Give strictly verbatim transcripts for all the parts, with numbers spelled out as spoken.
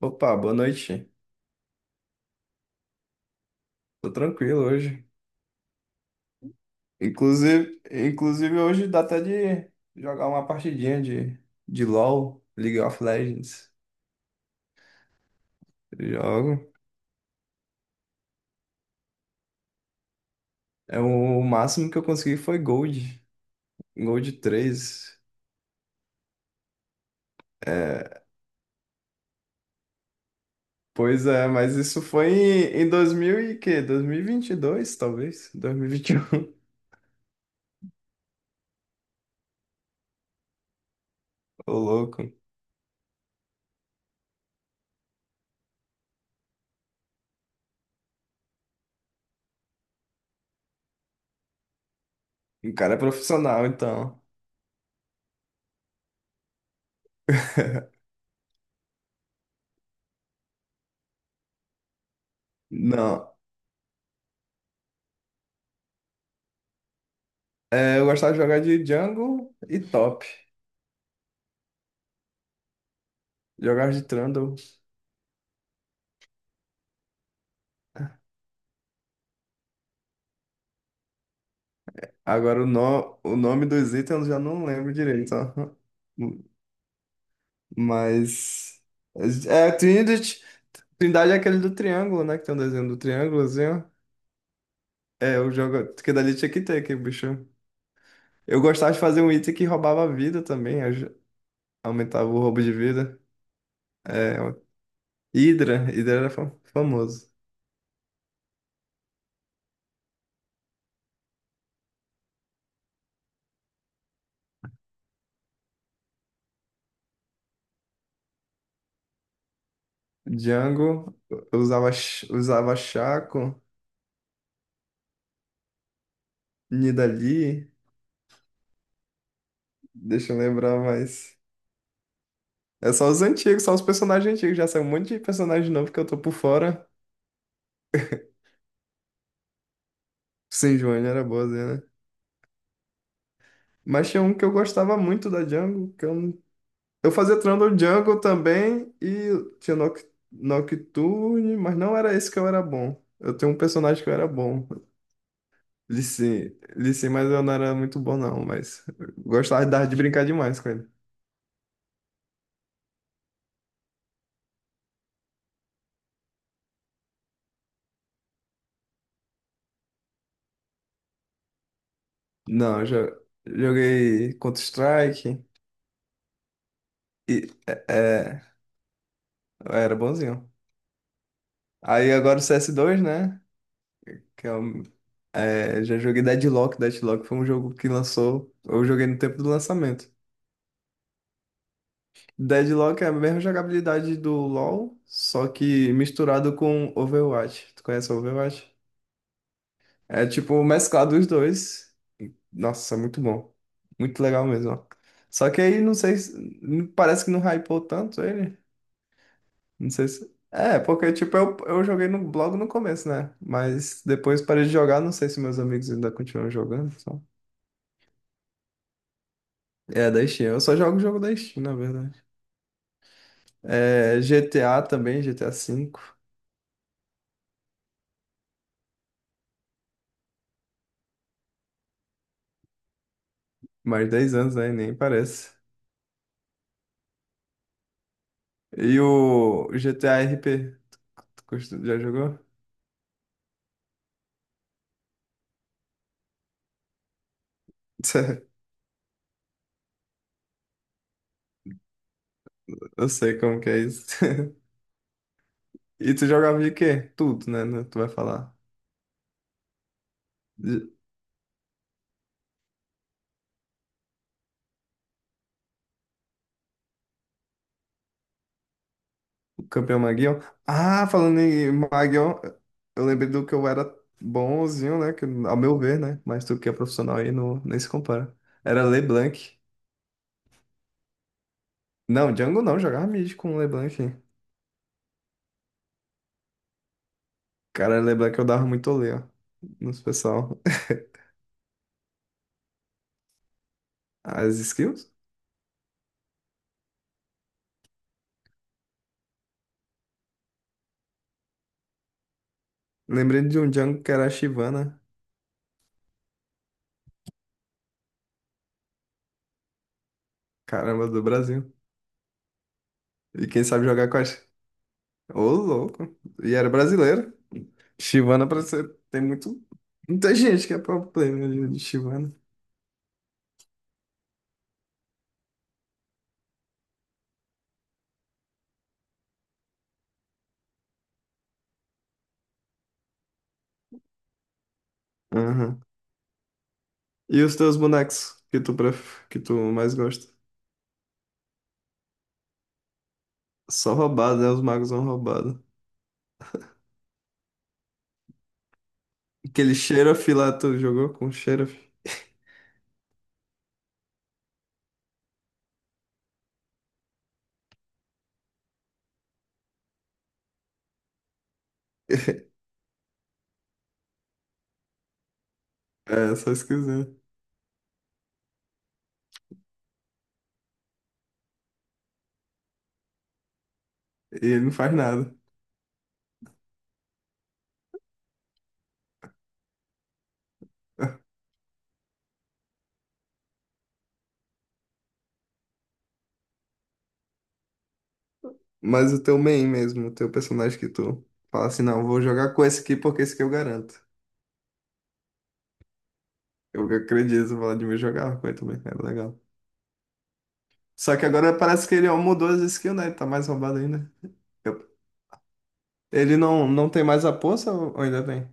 Opa, boa noite. Tô tranquilo hoje. Inclusive, inclusive hoje dá até de jogar uma partidinha de, de LoL, League of Legends. Eu jogo. É, o máximo que eu consegui foi Gold, Gold três. Pois é, mas isso foi em, em dois mil e quê? Dois mil e vinte e dois, talvez? dois mil e vinte e um. Ô, louco. O cara é profissional, então. Não. É, eu gostava de jogar de jungle e top. Jogar de Trundle. Agora o, no... o nome dos itens eu já não lembro direito, ó. Mas. É, Trinity. Trindade é aquele do triângulo, né? Que tem um desenho do triângulozinho. É, o jogo. Que dali tinha que ter aquele bicho. Eu gostava de fazer um item que roubava a vida também. aj- Aumentava o roubo de vida. É, o- Hydra. Hydra era fa- famoso. Django. eu Usava, ch- usava Chaco. Nidalee. Deixa eu lembrar mais. É só os antigos, só os personagens antigos. Já saiu um monte de personagem novo que eu tô por fora. Sim, Joane era boazinha, né? Mas tinha um que eu gostava muito da jungle, que eu, não- eu fazia Trundle Jungle também e tinha Noc- Nocturne, mas não era esse que eu era bom. Eu tenho um personagem que eu era bom. Lee Sin, Lee Sin, mas eu não era muito bom não, mas eu gostava de dar- de brincar demais com ele. Não, eu jo- joguei Counter-Strike e é, é, eu era bonzinho. Aí agora o C S dois, né? que é um- É, já joguei Deadlock. Deadlock foi um jogo que lançou. Eu joguei no tempo do lançamento. Deadlock é a mesma jogabilidade do LoL, só que misturado com Overwatch. Tu conhece Overwatch? É tipo mesclado os dois. E nossa, muito bom. Muito legal mesmo, ó. Só que aí não sei se. Parece que não hypou tanto ele. Não sei se. É, porque tipo, eu, eu joguei no blog no começo, né? Mas depois parei de jogar, não sei se meus amigos ainda continuam jogando. É, da Steam. Eu só jogo o jogo da Steam, na verdade. É, G T A também, G T A V. Mais dez anos, né? Nem parece. E o G T A R P? Tu costu- já jogou? Eu sei como que é isso. E tu jogava de quê? Tudo, né? Né, tu vai falar. De- o Campeão Maguion. Ah, falando em Maguion, eu lembrei do que eu era bonzinho, né? Que, ao meu ver, né? Mas tu que é profissional aí não, nem se compara. Era LeBlanc. Não, Django não, jogava mid com LeBlanc. Cara, lembra que eu dava muito olé, ó, nos pessoal. As skills? Lembrei de um jungle que era a Shyvana, caramba, do Brasil. E quem sabe jogar com a... Sh- Ô, louco. E era brasileiro. Shyvana parece ser... tem muito... Muita gente que é pro player de de Shyvana. Aham. E os teus bonecos que tu, pref... que tu mais gosta? Só roubado, né? Os magos são roubados. Aquele Xerath lá, tu jogou com o Xerath? É, só esquisito. E ele não faz nada. Mas o teu main mesmo, o teu personagem que tu fala assim, não, eu vou jogar com esse aqui porque esse aqui eu garanto. Eu acredito, eu de me jogar com ele também, era legal. Só que agora parece que ele ó, mudou as skills, né? Ele tá mais roubado ainda. Eu- Ele não, não tem mais a poça ou ou ainda tem?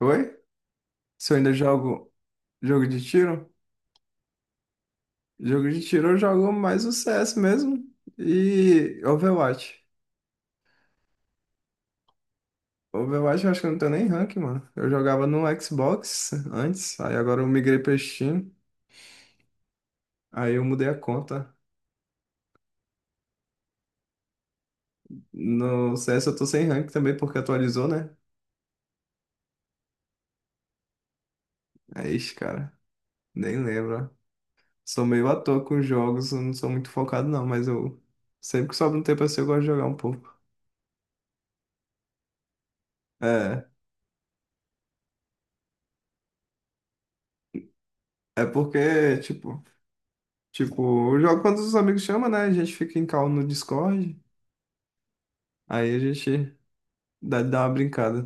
Oi? Se eu ainda jogo jogo de tiro? Jogo de tiro eu jogo mais o C S mesmo e Overwatch. Overwatch eu acho que eu não tenho nem rank, mano. Eu jogava no Xbox antes, aí agora eu migrei pra Steam, aí eu mudei a conta. No C S eu tô sem rank também, porque atualizou, né? É isso, cara. Nem lembro, ó. Sou meio à toa com jogos, eu não sou muito focado, não, mas eu. Sempre que sobra um tempo assim, eu gosto de jogar um pouco. É. É porque, tipo, tipo, eu jogo quando os amigos chamam, né? A gente fica em call no Discord. Aí a gente dá, dá uma brincada.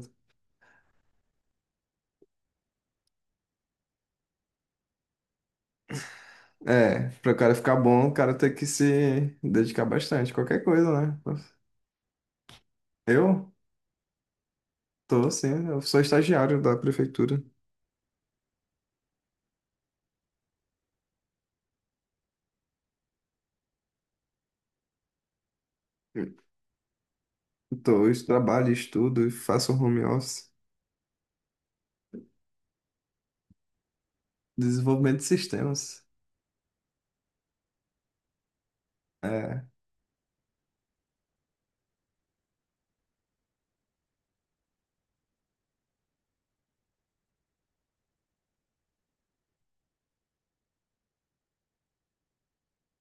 É, pra o cara ficar bom, o cara tem que se dedicar bastante. Qualquer coisa, né? Eu tô, sim, eu sou estagiário da prefeitura. Dois, trabalho, estudo, e faço um home office, desenvolvimento de sistemas. É,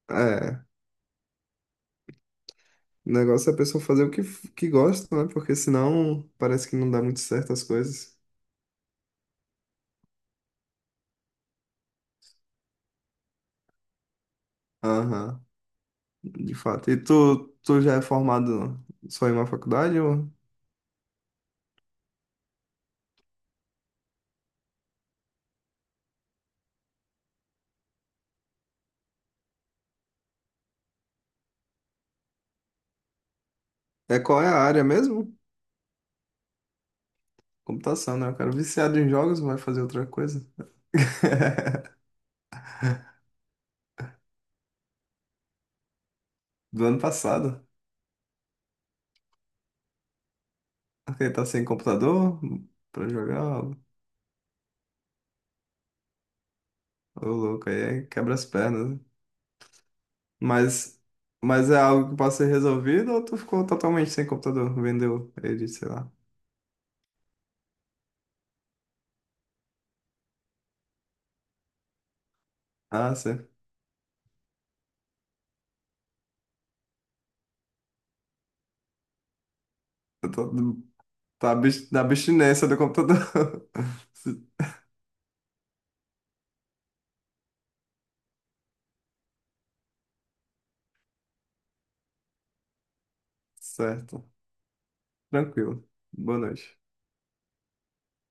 é. O negócio é a pessoa fazer o que, que gosta, né? Porque senão parece que não dá muito certo as coisas. Aham, de fato. E tu, tu já é formado só em uma faculdade? Ou... É qual é a área mesmo? Computação, né? O cara viciado em jogos vai fazer outra coisa. Do ano passado. Ele tá sem computador pra jogar. Ô, louco, aí é quebra as pernas. Mas, mas é algo que pode ser resolvido ou tu ficou totalmente sem computador? Vendeu ele, sei lá. Ah, certo. Eu tô- Tá abs- na abstinência do computador. Certo. Tranquilo. Boa noite.